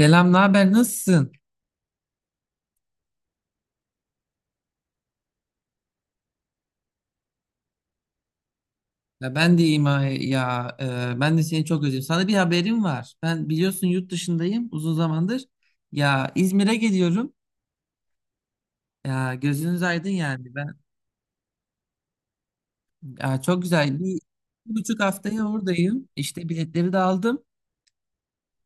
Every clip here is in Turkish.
Selam, ne haber? Nasılsın? Ya ben de iyiyim ya. Ben de seni çok özledim. Sana bir haberim var. Ben biliyorsun yurt dışındayım uzun zamandır. Ya İzmir'e geliyorum. Ya gözünüz aydın yani. Ben ya çok güzel 1,5 haftaya oradayım. İşte biletleri de aldım.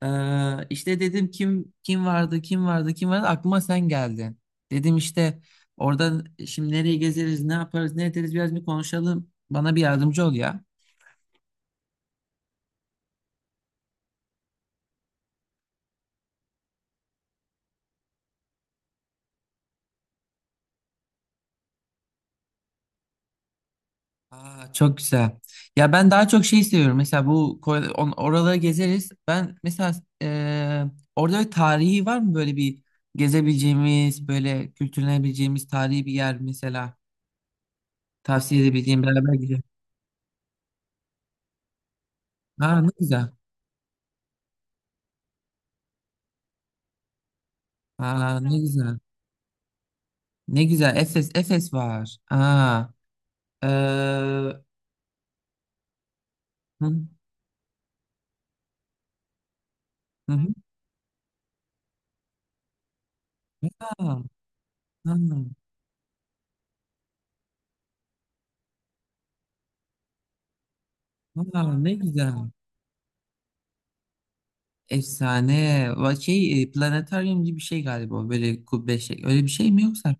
İşte dedim kim vardı aklıma sen geldin. Dedim işte oradan şimdi nereye gezeriz ne yaparız ne ederiz biraz bir konuşalım. Bana bir yardımcı ol ya. Aa, çok güzel. Ya ben daha çok şey seviyorum. Mesela bu oraları gezeriz. Ben mesela e, orada bir tarihi var mı böyle gezebileceğimiz böyle kültürlenebileceğimiz tarihi bir yer mesela? Tavsiye edebileceğim beraber gidelim. Aa, ne güzel. Aa, ne güzel. Ne güzel. Efes var. Aa. eee, hı, hı, hı. Aa, aa, aa, ne güzel. Efsane. Şey, planetaryum gibi bir şey galiba o, böyle kubbe şey. Öyle bir şey mi yoksa?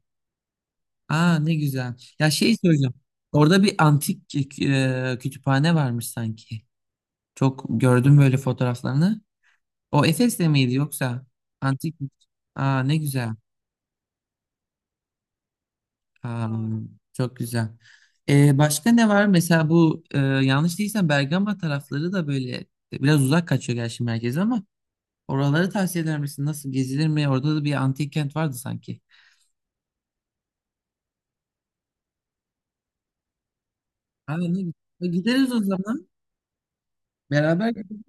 Aa, ne güzel. Ya şey söyleyeceğim. Orada bir antik kütüphane varmış sanki. Çok gördüm böyle fotoğraflarını. O Efes'te miydi yoksa? Antik. Aa, ne güzel. Ha, çok güzel. Başka ne var? Mesela bu yanlış değilsem Bergama tarafları da böyle biraz uzak kaçıyor gerçi merkeze ama oraları tavsiye eder misin? Nasıl gezilir mi? Orada da bir antik kent vardı sanki. Ha, ne güzel. Gideriz o zaman. Beraber gideriz.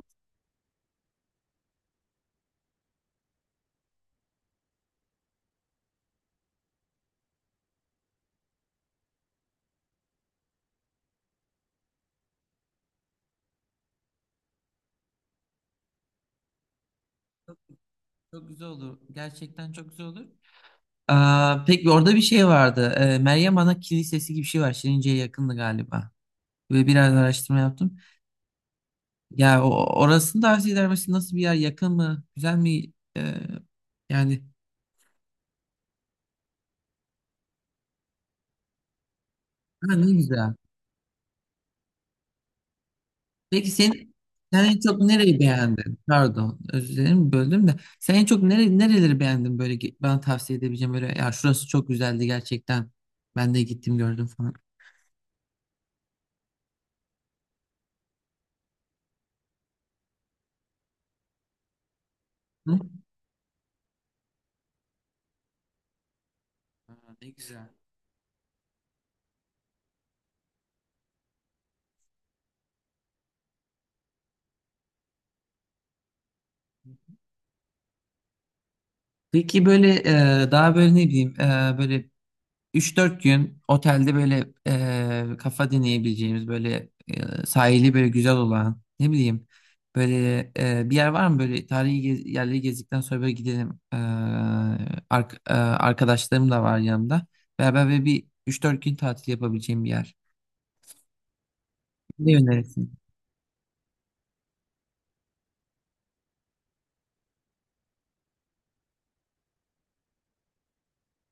Çok güzel olur. Gerçekten çok güzel olur. Aa, peki orada bir şey vardı. Meryem Ana Kilisesi gibi bir şey var. Şirince'ye yakındı galiba. Ve biraz araştırma yaptım. Ya orasını tavsiye eder misin? Nasıl bir yer? Yakın mı? Güzel mi? Yani. Ha, ne güzel. Peki sen en çok nereyi beğendin? Pardon, özür dilerim böldüm de. Sen en çok nereleri beğendin böyle bana tavsiye edebileceğim böyle ya şurası çok güzeldi gerçekten. Ben de gittim gördüm falan. Hı? Aa, ne güzel. Peki böyle daha böyle ne bileyim böyle üç dört gün otelde böyle kafa dinleyebileceğimiz böyle sahili böyle güzel olan ne bileyim böyle bir yer var mı böyle tarihi yerleri gezdikten sonra böyle gidelim. Arkadaşlarım da var yanımda. Beraber böyle bir üç dört gün tatil yapabileceğim bir yer. Ne önerirsin?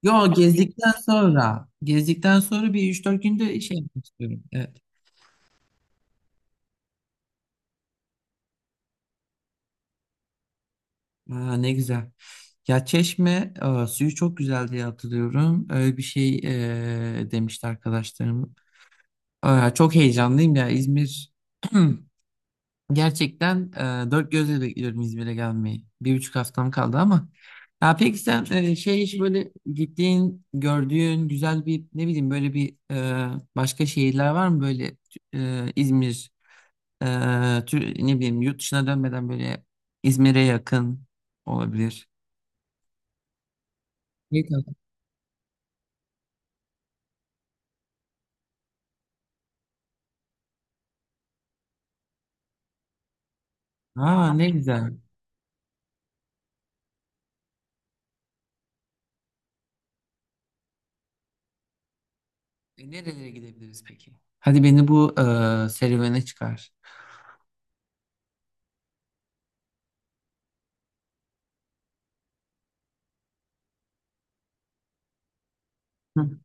Yo, gezdikten sonra bir üç dört günde şey yapmak istiyorum. Aa, ne güzel. Ya Çeşme suyu çok güzel diye hatırlıyorum. Öyle bir şey demişti arkadaşlarım. Aa, çok heyecanlıyım ya İzmir. Gerçekten dört gözle bekliyorum İzmir'e gelmeyi. 1,5 haftam kaldı ama. Ya peki sen şey hiç böyle gittiğin, gördüğün güzel bir ne bileyim böyle başka şehirler var mı böyle İzmir e, ne bileyim yurt dışına dönmeden böyle İzmir'e yakın olabilir. Aa, ne güzel. Nerelere gidebiliriz peki? Hadi beni bu serüvene çıkar. Hı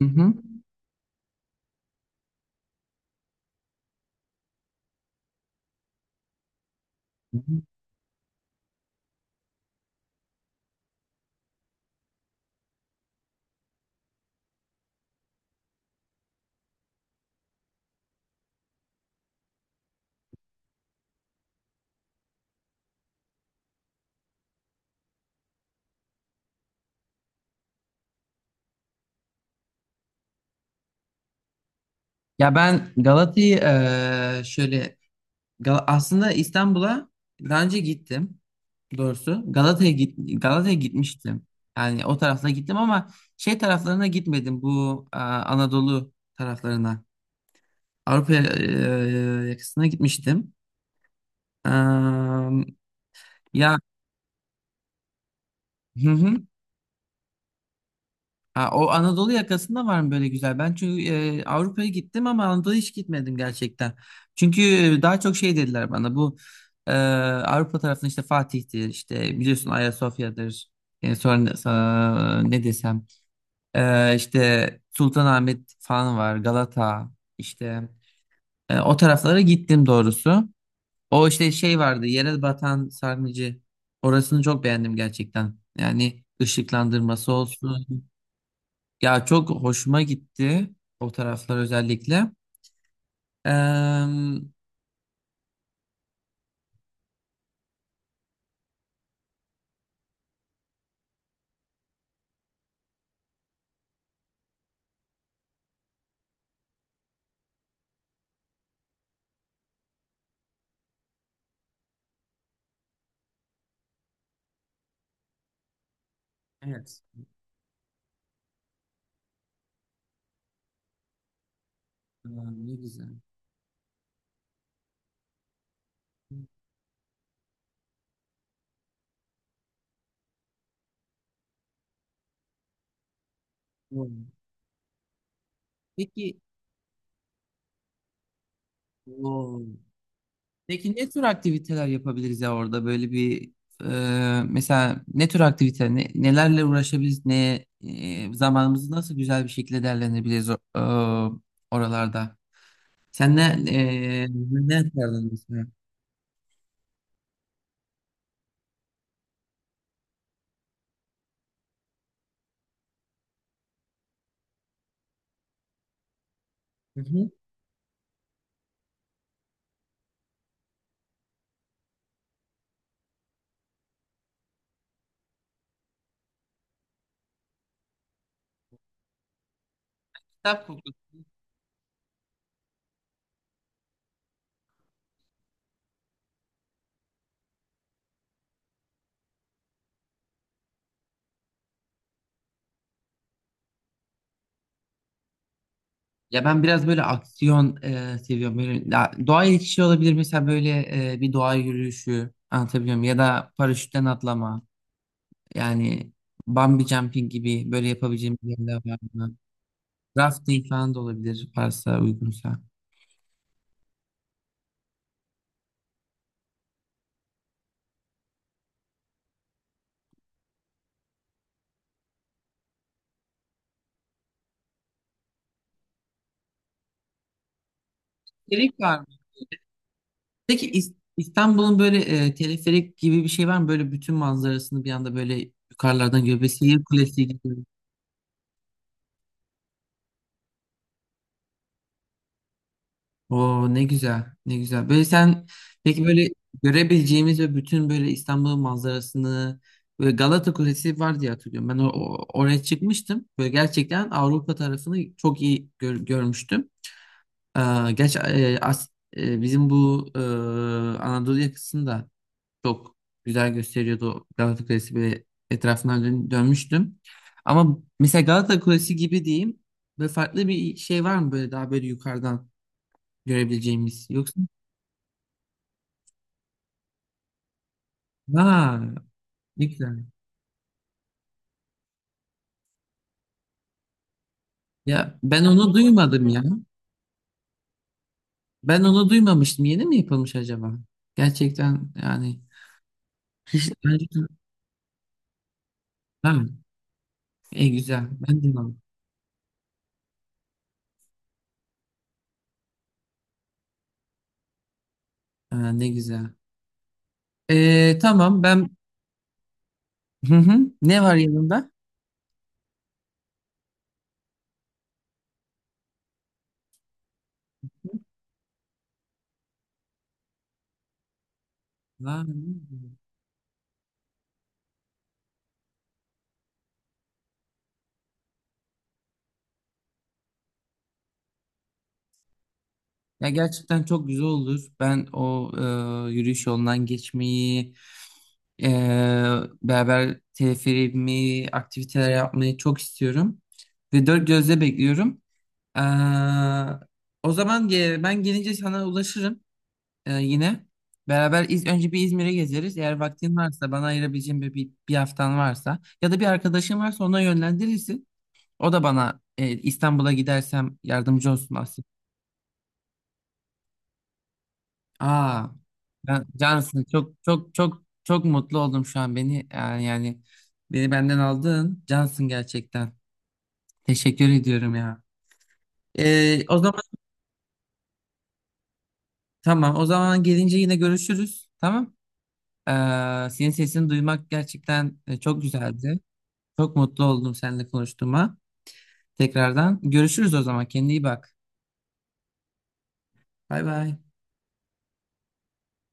hı. Hı. Hı hı. Ya ben Galata'yı şöyle aslında İstanbul'a daha önce gittim. Doğrusu Galata'ya gitmiştim. Yani o tarafta gittim ama şey taraflarına gitmedim. Bu Anadolu taraflarına. Avrupa yakasına gitmiştim. Eee, ya, hı hı. Ha, o Anadolu yakasında var mı böyle güzel? Ben çünkü Avrupa'ya gittim ama Anadolu'ya hiç gitmedim gerçekten. Çünkü daha çok şey dediler bana bu Avrupa tarafında işte Fatih'tir işte biliyorsun Ayasofya'dır. Sonra ne desem, işte Sultanahmet falan var Galata işte. O taraflara gittim doğrusu. O işte şey vardı yere batan sarnıcı orasını çok beğendim gerçekten. Yani ışıklandırması olsun. Ya çok hoşuma gitti o taraflar özellikle. Eee, evet. Eee, ne güzel. Doğru. Peki, o, peki ne tür aktiviteler yapabiliriz ya orada böyle bir mesela ne tür aktivite nelerle uğraşabiliriz ne zamanımızı nasıl güzel bir şekilde değerlendirebiliriz oralarda. Sen ne yapardın mesela? Hı hı. Kitap kokulu. Ya ben biraz böyle aksiyon seviyorum. Böyle, ya, doğaya geçişi olabilir mesela böyle bir doğa yürüyüşü anlatabiliyor muyum? Ya da paraşütten atlama. Yani bungee jumping gibi böyle yapabileceğim bir yerler var mı? Rafting falan da olabilir varsa uygunsa. Teleferik var mı? Peki İstanbul'un böyle teleferik gibi bir şey var mı? Böyle bütün manzarasını bir anda böyle yukarılardan görüyor. Böyle Sihir Kulesi gibi. Oo, ne güzel, ne güzel. Böyle sen peki böyle görebileceğimiz ve bütün böyle İstanbul manzarasını böyle Galata Kulesi var diye hatırlıyorum. Ben oraya çıkmıştım. Böyle gerçekten Avrupa tarafını çok iyi görmüştüm. Gerçi bizim bu Anadolu yakasını da çok güzel gösteriyordu o Galata Kulesi ve etrafından dönmüştüm. Ama mesela Galata Kulesi gibi diyeyim. Böyle farklı bir şey var mı böyle daha böyle yukarıdan görebileceğimiz? Yoksa. Ha, ne güzel. Ya ben onu duymadım ya. Ben onu duymamıştım. Yeni mi yapılmış acaba? Gerçekten yani hiç ha, güzel. Ben duymadım. Ha, ne güzel. Tamam ben hı hı. Ne var yanında? Ha, ne güzel. Ya gerçekten çok güzel olur. Ben yürüyüş yolundan geçmeyi, e, beraber teleferimi, aktiviteler yapmayı çok istiyorum. Ve dört gözle bekliyorum. Ee, O zaman ben gelince sana ulaşırım yine. Beraber önce bir İzmir'e gezeriz. Eğer vaktin varsa bana ayırabileceğin bir haftan varsa ya da bir arkadaşın varsa ona yönlendirirsin. O da bana İstanbul'a gidersem yardımcı olsun Asya. Aa, ben Cansın çok çok mutlu oldum şu an beni yani, beni benden aldın Cansın gerçekten. Teşekkür ediyorum ya. O zaman tamam o zaman gelince yine görüşürüz. Tamam. Ee, Senin sesini duymak gerçekten çok güzeldi. Çok mutlu oldum seninle konuştuğuma. Tekrardan görüşürüz o zaman. Kendine iyi bak. Bay bay.